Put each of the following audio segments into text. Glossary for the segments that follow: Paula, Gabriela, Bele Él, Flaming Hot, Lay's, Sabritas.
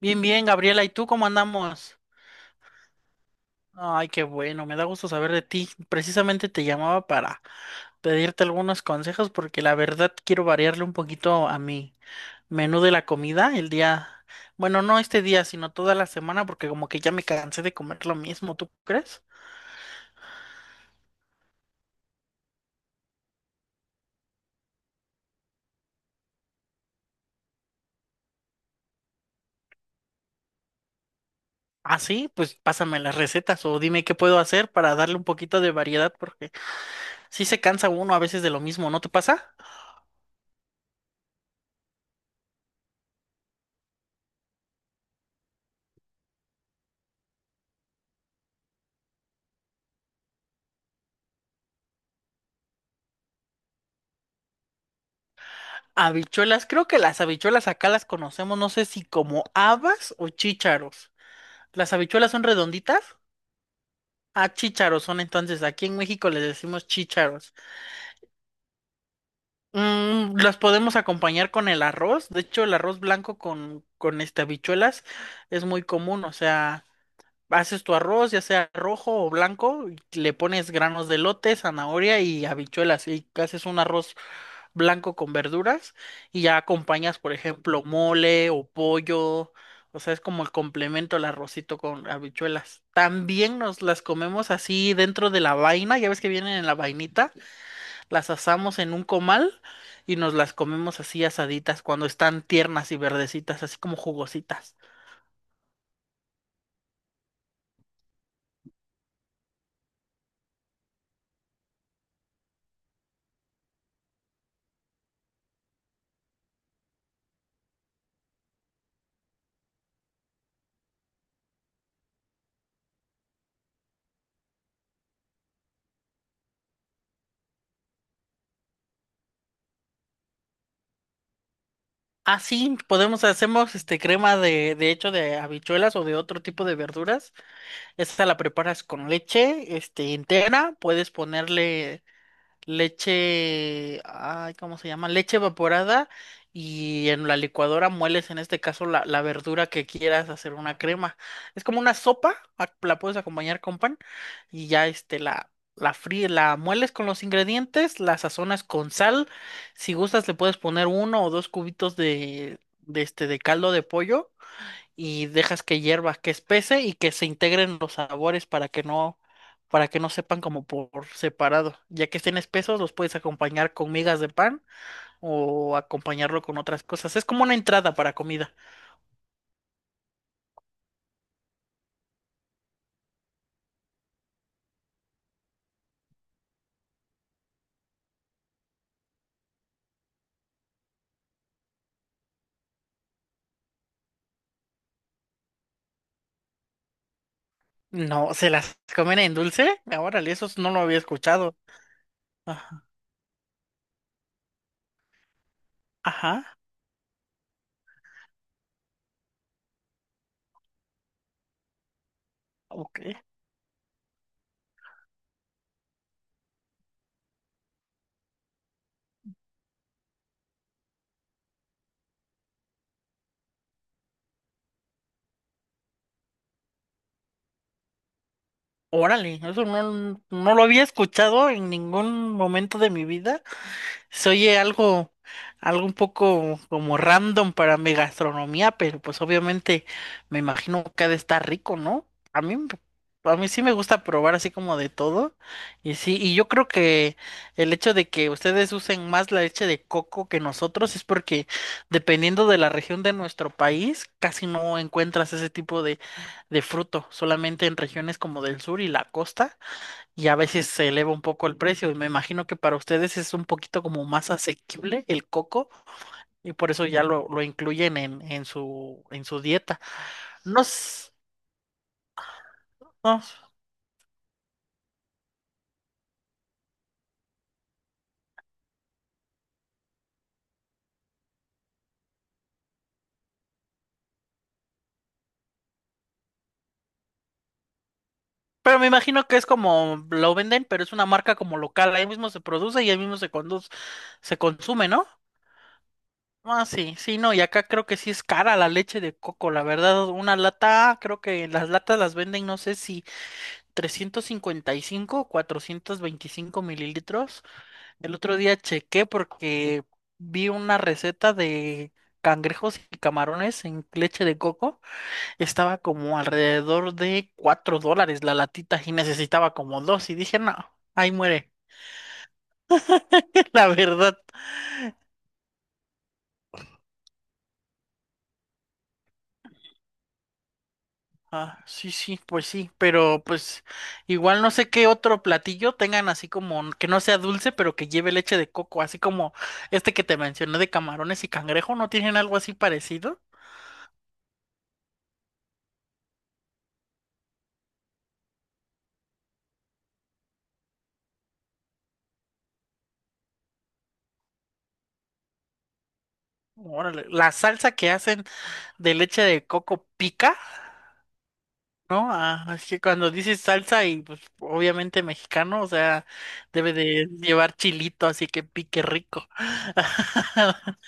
Bien, bien, Gabriela, ¿y tú cómo andamos? Ay, qué bueno, me da gusto saber de ti. Precisamente te llamaba para pedirte algunos consejos porque la verdad quiero variarle un poquito a mi menú de la comida el día, bueno, no este día, sino toda la semana porque como que ya me cansé de comer lo mismo, ¿tú crees? Ah, sí, pues pásame las recetas o dime qué puedo hacer para darle un poquito de variedad porque sí se cansa uno a veces de lo mismo, ¿no te pasa? Habichuelas, creo que las habichuelas acá las conocemos, no sé si como habas o chícharos. ¿Las habichuelas son redonditas? Ah, chícharos son entonces, aquí en México les decimos chícharos. Las podemos acompañar con el arroz, de hecho el arroz blanco con este habichuelas es muy común, o sea, haces tu arroz, ya sea rojo o blanco, y le pones granos de lote zanahoria y habichuelas y haces un arroz blanco con verduras y ya acompañas, por ejemplo, mole o pollo. O sea, es como el complemento al arrocito con habichuelas. También nos las comemos así dentro de la vaina, ya ves que vienen en la vainita, las asamos en un comal y nos las comemos así asaditas cuando están tiernas y verdecitas, así como jugositas. Así podemos hacemos este crema de hecho de habichuelas o de otro tipo de verduras. Esta la preparas con leche, este entera, puedes ponerle leche, ay, ¿cómo se llama? Leche evaporada y en la licuadora mueles en este caso la verdura que quieras hacer una crema. Es como una sopa, la puedes acompañar con pan y ya la fríes, la mueles con los ingredientes, la sazonas con sal. Si gustas le puedes poner uno o dos cubitos de caldo de pollo y dejas que hierva, que espese y que se integren los sabores para que no sepan como por separado. Ya que estén espesos, los puedes acompañar con migas de pan o acompañarlo con otras cosas. Es como una entrada para comida. No, ¿se las comen en dulce? Órale, eso no lo había escuchado. Ajá, ajá, ok. Órale, eso no, no lo había escuchado en ningún momento de mi vida. Se oye algo un poco como random para mi gastronomía, pero pues obviamente me imagino que ha de estar rico, ¿no? A mí, me- a mí sí me gusta probar así como de todo. Y sí, y yo creo que el hecho de que ustedes usen más la leche de coco que nosotros es porque dependiendo de la región de nuestro país, casi no encuentras ese tipo de fruto, solamente en regiones como del sur y la costa y a veces se eleva un poco el precio. Y me imagino que para ustedes es un poquito como más asequible el coco y por eso ya lo incluyen en su dieta. No, s- no, pero me imagino que es como lo venden, pero es una marca como local. Ahí mismo se produce y ahí mismo se conduce, se consume, ¿no? Ah, sí, sí, no, y acá creo que sí es cara la leche de coco, la verdad, una lata, creo que las latas las venden, no sé si 355 o 425 mililitros. El otro día chequé porque vi una receta de cangrejos y camarones en leche de coco. Estaba como alrededor de $4 la latita y necesitaba como dos. Y dije, no, ahí muere. La verdad. Ah, sí, sí, pues sí. Pero pues igual no sé qué otro platillo tengan así como que no sea dulce, pero que lleve leche de coco. Así como este que te mencioné de camarones y cangrejo. ¿No tienen algo así parecido? Órale, la salsa que hacen de leche de coco pica, ¿no? Ah, es que cuando dices salsa y pues obviamente mexicano, o sea, debe de llevar chilito, así que pique rico.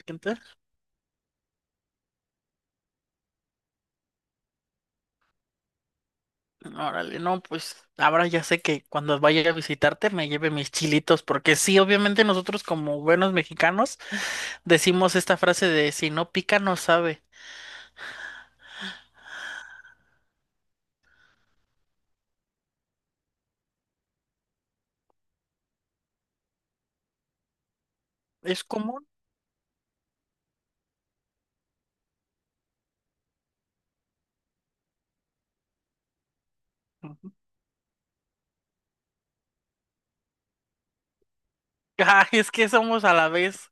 Entonces, órale, no, pues ahora ya sé que cuando vaya a visitarte me lleve mis chilitos, porque sí, obviamente nosotros como buenos mexicanos decimos esta frase de si no pica no sabe. Es común. Ujú. Ay, es que somos a la vez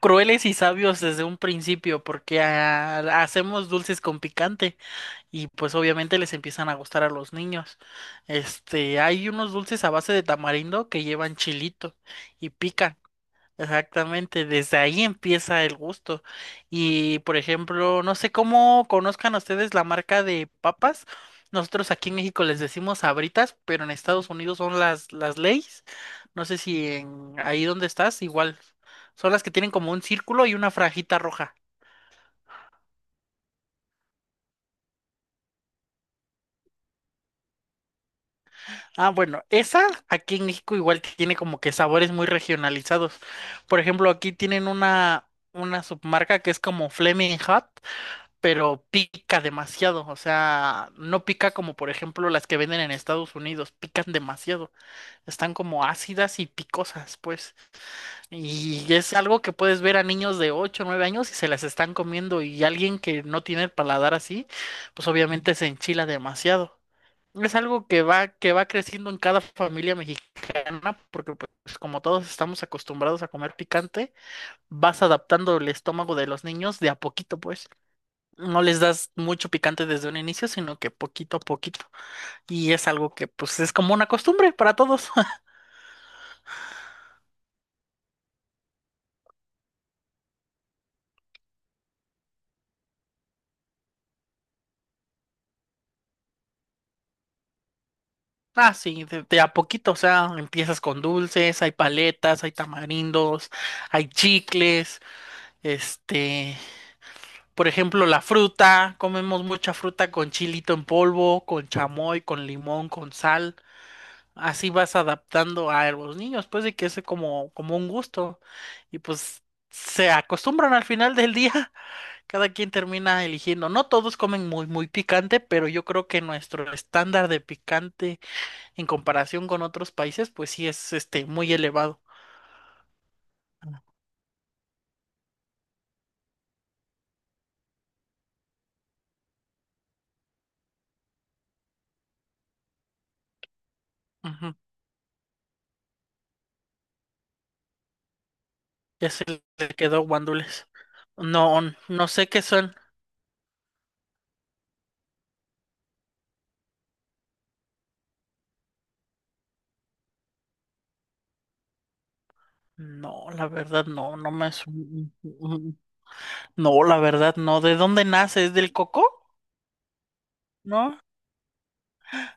crueles y sabios desde un principio, porque hacemos dulces con picante y pues obviamente les empiezan a gustar a los niños. Hay unos dulces a base de tamarindo que llevan chilito y pican. Exactamente, desde ahí empieza el gusto. Y por ejemplo, no sé cómo conozcan ustedes la marca de papas. Nosotros aquí en México les decimos Sabritas, pero en Estados Unidos son las Lay's. No sé si en ahí donde estás, igual. Son las que tienen como un círculo y una franjita roja. Ah, bueno, esa aquí en México igual tiene como que sabores muy regionalizados. Por ejemplo, aquí tienen una submarca que es como Flaming Hot pero pica demasiado, o sea, no pica como por ejemplo las que venden en Estados Unidos, pican demasiado, están como ácidas y picosas, pues, y es algo que puedes ver a niños de 8, o 9 años y se las están comiendo y alguien que no tiene el paladar así, pues obviamente se enchila demasiado. Es algo que va creciendo en cada familia mexicana, porque pues como todos estamos acostumbrados a comer picante, vas adaptando el estómago de los niños de a poquito, pues no les das mucho picante desde un inicio, sino que poquito a poquito. Y es algo que pues es como una costumbre para todos. Ah, sí, de a poquito, o sea, empiezas con dulces, hay paletas, hay tamarindos, hay chicles, este, por ejemplo, la fruta, comemos mucha fruta con chilito en polvo, con chamoy, con limón, con sal. Así vas adaptando a los niños, pues de que es como un gusto. Y pues se acostumbran al final del día. Cada quien termina eligiendo. No todos comen muy, muy picante, pero yo creo que nuestro estándar de picante en comparación con otros países, pues sí es este muy elevado. Ujú. Ya se le quedó guándules. No, no sé qué son. No, la verdad no. No, la verdad no. ¿De dónde nace? ¿Es del coco? ¿No?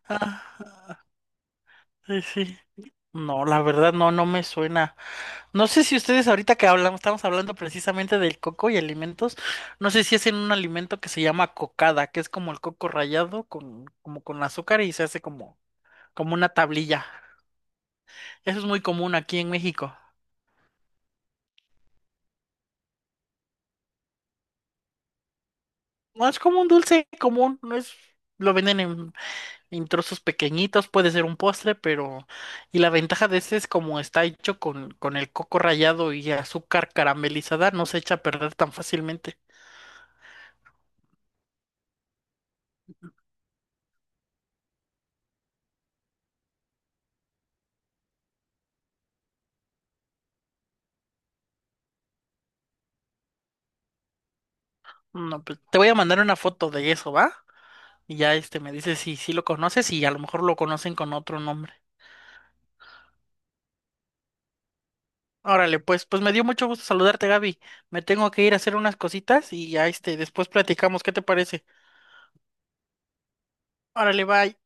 Ah, sí, sí. No, la verdad no, no me suena. No sé si ustedes ahorita que hablamos, estamos hablando precisamente del coco y alimentos, no sé si hacen un alimento que se llama cocada, que es como el coco rallado como con azúcar y se hace como una tablilla. Eso es muy común aquí en México. No es como un dulce común, no es, lo venden en trozos pequeñitos, puede ser un postre, pero, y la ventaja de este es como está hecho con el coco rallado y azúcar caramelizada, no se echa a perder tan fácilmente. No, pues, te voy a mandar una foto de eso, ¿va? Y ya me dice si sí lo conoces y a lo mejor lo conocen con otro nombre. Órale, pues me dio mucho gusto saludarte, Gaby. Me tengo que ir a hacer unas cositas y ya después platicamos, ¿qué te parece? Órale, bye.